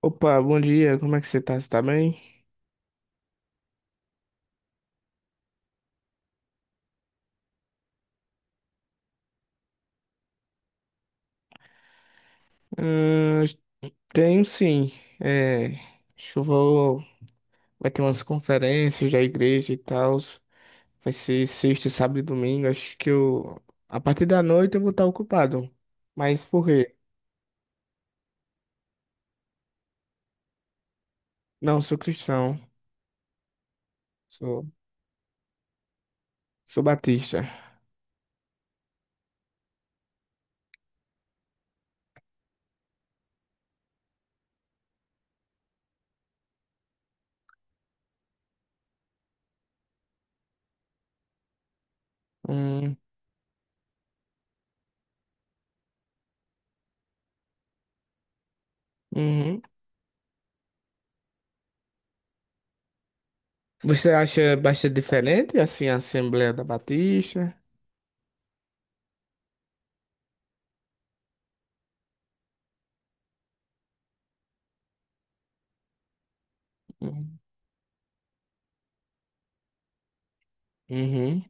Opa, bom dia, como é que você tá? Você tá bem? Ahn, tenho sim. É, acho que eu vou. Vai ter umas conferências da igreja e tal. Vai ser sexta, sábado e domingo. Acho que eu. A partir da noite eu vou estar ocupado. Mas por quê? Não, sou cristão. Sou, sou batista. Hum, uhum. Você acha bastante diferente, assim, a Assembleia da Batista? Hum, Uhum.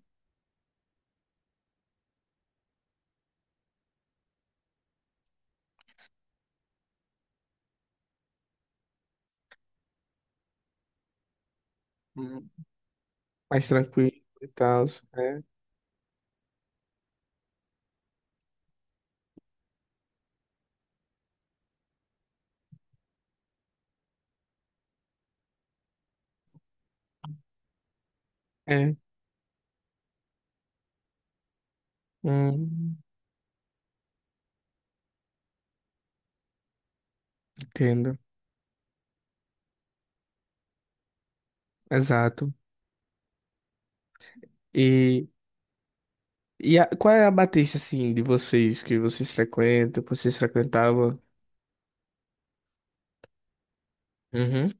Hum, mais tranquilo e tal. É. É. Hum. Entendo, exato. E, Qual é a Batista, assim, de vocês, que vocês frequentam, que vocês frequentavam? Uhum.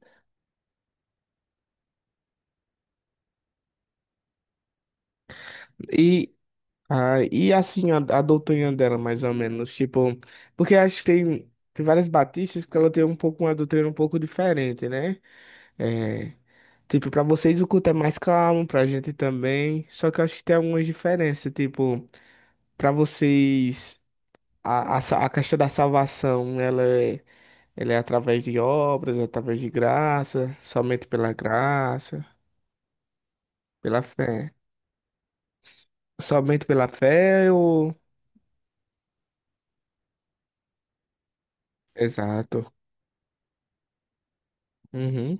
E, e assim, a doutrina dela, mais ou menos, tipo, porque acho que tem, tem várias batistas que ela tem um pouco, uma doutrina um pouco diferente, né? É, tipo, pra vocês o culto é mais calmo, pra gente também, só que eu acho que tem algumas diferenças, tipo, pra vocês, a questão da salvação, ela é. Ele é através de obras, através de graça, somente pela graça, pela fé. Somente pela fé ou... Exato. Uhum.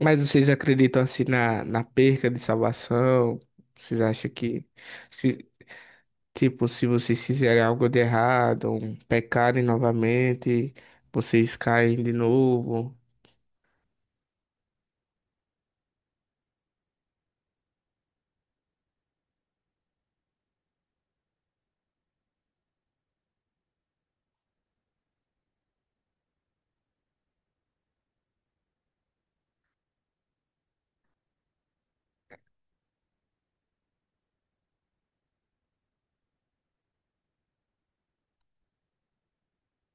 Mas vocês acreditam assim na perca de salvação? Vocês acham que, se, tipo, se vocês fizerem algo de errado, um, pecarem novamente, vocês caem de novo?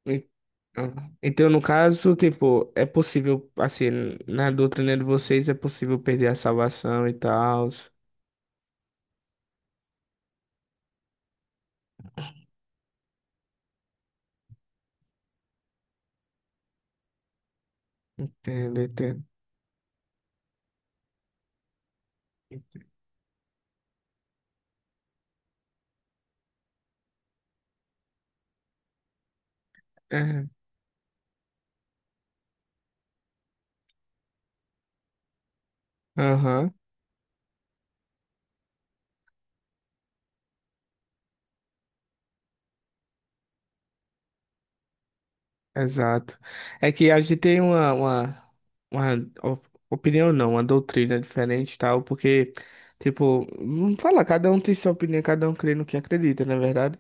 E- Então, no caso, tipo, é possível, assim, na doutrina de vocês é possível perder a salvação e tal. Entendo, entendo. É, aham, exato. É que a gente tem uma opinião, não, uma doutrina diferente e tal, porque, tipo, não fala, cada um tem sua opinião, cada um crê no que acredita, não é verdade?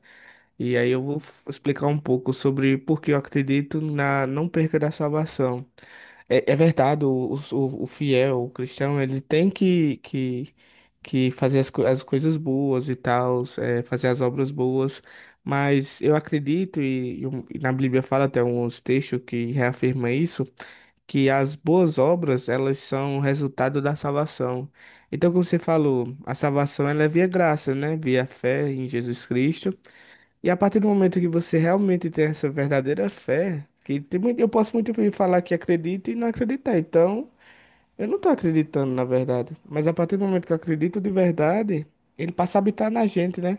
E aí eu vou explicar um pouco sobre por que eu acredito na não perca da salvação. É, é verdade, o fiel, o cristão, ele tem que fazer as coisas boas e tal, é, fazer as obras boas, mas eu acredito, e na Bíblia fala até uns textos que reafirma isso, que as boas obras, elas são resultado da salvação. Então, como você falou, a salvação ela é via graça, né? Via fé em Jesus Cristo. E a partir do momento que você realmente tem essa verdadeira fé, que tem muito, eu posso muito bem falar que acredito e não acreditar. Então, eu não estou acreditando na verdade. Mas a partir do momento que eu acredito de verdade, ele passa a habitar na gente, né?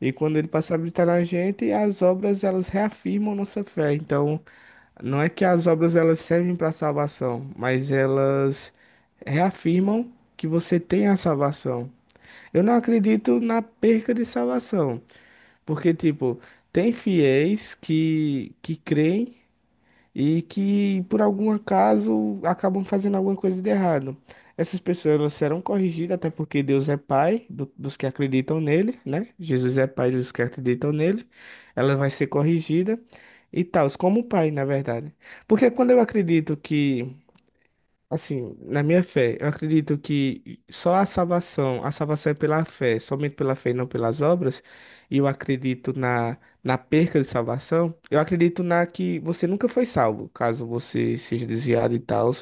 E quando ele passa a habitar na gente, as obras elas reafirmam nossa fé. Então, não é que as obras elas servem para salvação, mas elas reafirmam que você tem a salvação. Eu não acredito na perca de salvação. Porque, tipo, tem fiéis que creem e que, por algum acaso, acabam fazendo alguma coisa de errado. Essas pessoas elas serão corrigidas, até porque Deus é Pai dos que acreditam nele, né? Jesus é Pai dos que acreditam nele. Ela vai ser corrigida e tal, como Pai, na verdade. Porque quando eu acredito que. Assim, na minha fé, eu acredito que só a salvação é pela fé, somente pela fé e não pelas obras. E eu acredito na perca de salvação. Eu acredito na que você nunca foi salvo, caso você seja desviado e tal.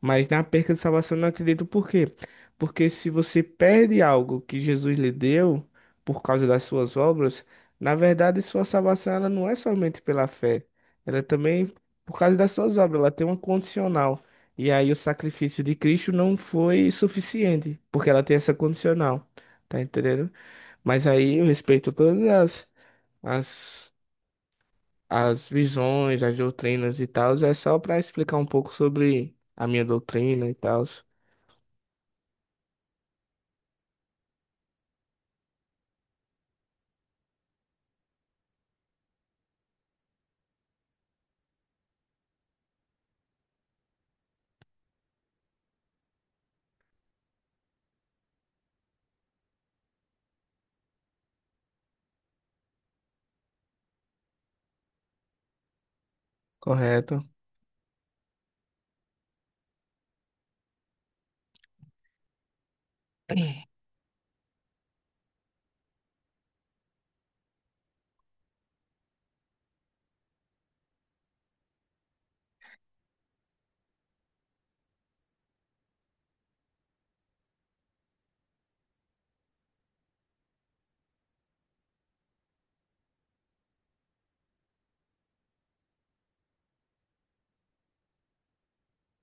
Mas na perca de salvação eu não acredito por quê? Porque se você perde algo que Jesus lhe deu por causa das suas obras, na verdade sua salvação ela não é somente pela fé, ela é também por causa das suas obras, ela tem uma condicional. E aí o sacrifício de Cristo não foi suficiente, porque ela tem essa condicional, tá entendendo? Mas aí eu respeito todas as, as visões, as doutrinas e tal, é só para explicar um pouco sobre a minha doutrina e tal. Correto?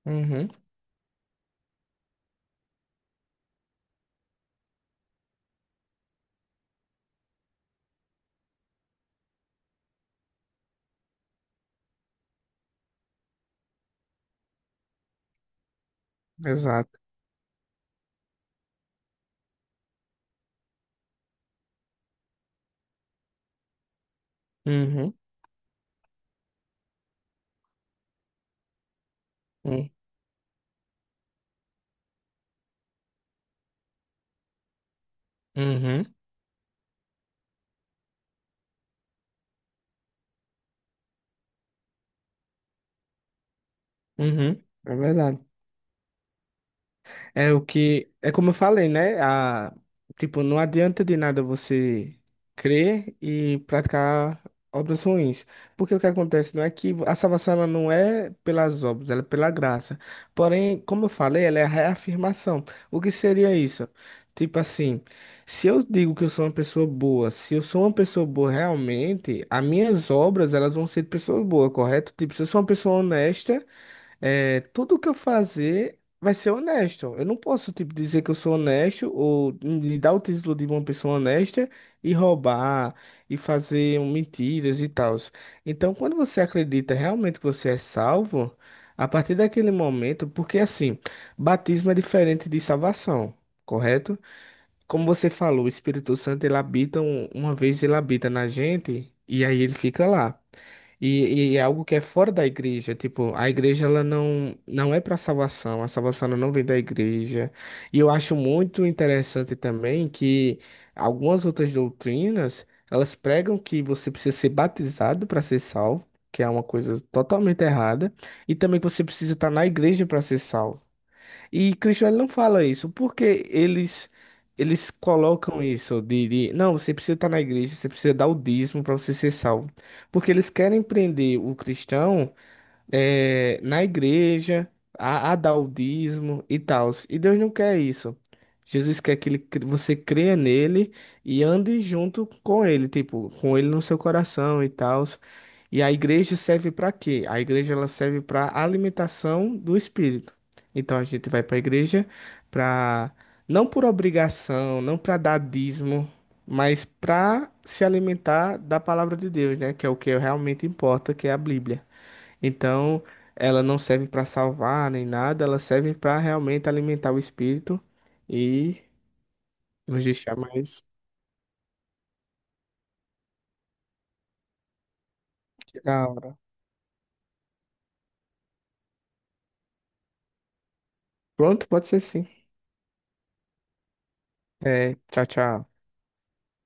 Uhum, exato. Uhum, uhum, uhum, uhum, é verdade. É o que. É como eu falei, né? A, tipo, não adianta de nada você crer e praticar obras ruins. Porque o que acontece não é que a salvação ela não é pelas obras, ela é pela graça. Porém, como eu falei, ela é a reafirmação. O que seria isso? Tipo assim, se eu digo que eu sou uma pessoa boa, se eu sou uma pessoa boa realmente, as minhas obras elas vão ser de pessoas boas, correto? Tipo, se eu sou uma pessoa honesta. É, tudo que eu fazer vai ser honesto. Eu não posso, tipo, dizer que eu sou honesto ou me dar o título de uma pessoa honesta e roubar e fazer mentiras e tal. Então, quando você acredita realmente que você é salvo, a partir daquele momento, porque assim, batismo é diferente de salvação, correto? Como você falou, o Espírito Santo ele habita uma vez ele habita na gente e aí ele fica lá. E é algo que é fora da igreja, tipo, a igreja ela não, não é para salvação, a salvação ela não vem da igreja. E eu acho muito interessante também que algumas outras doutrinas, elas pregam que você precisa ser batizado para ser salvo, que é uma coisa totalmente errada, e também que você precisa estar na igreja para ser salvo. E Cristo ele não fala isso, porque eles colocam isso não, você precisa estar na igreja, você precisa dar o dízimo para você ser salvo. Porque eles querem prender o cristão é, na igreja, a dar o dízimo e tal. E Deus não quer isso. Jesus quer que ele você creia nele e ande junto com ele, tipo, com ele no seu coração e tal. E a igreja serve para quê? A igreja ela serve para alimentação do espírito. Então a gente vai para a igreja para não por obrigação, não para dar dízimo, mas para se alimentar da palavra de Deus, né? Que é o que realmente importa, que é a Bíblia. Então, ela não serve para salvar nem nada, ela serve para realmente alimentar o espírito e nos deixar mais da hora. Pronto, pode ser sim. É, tchau, tchau.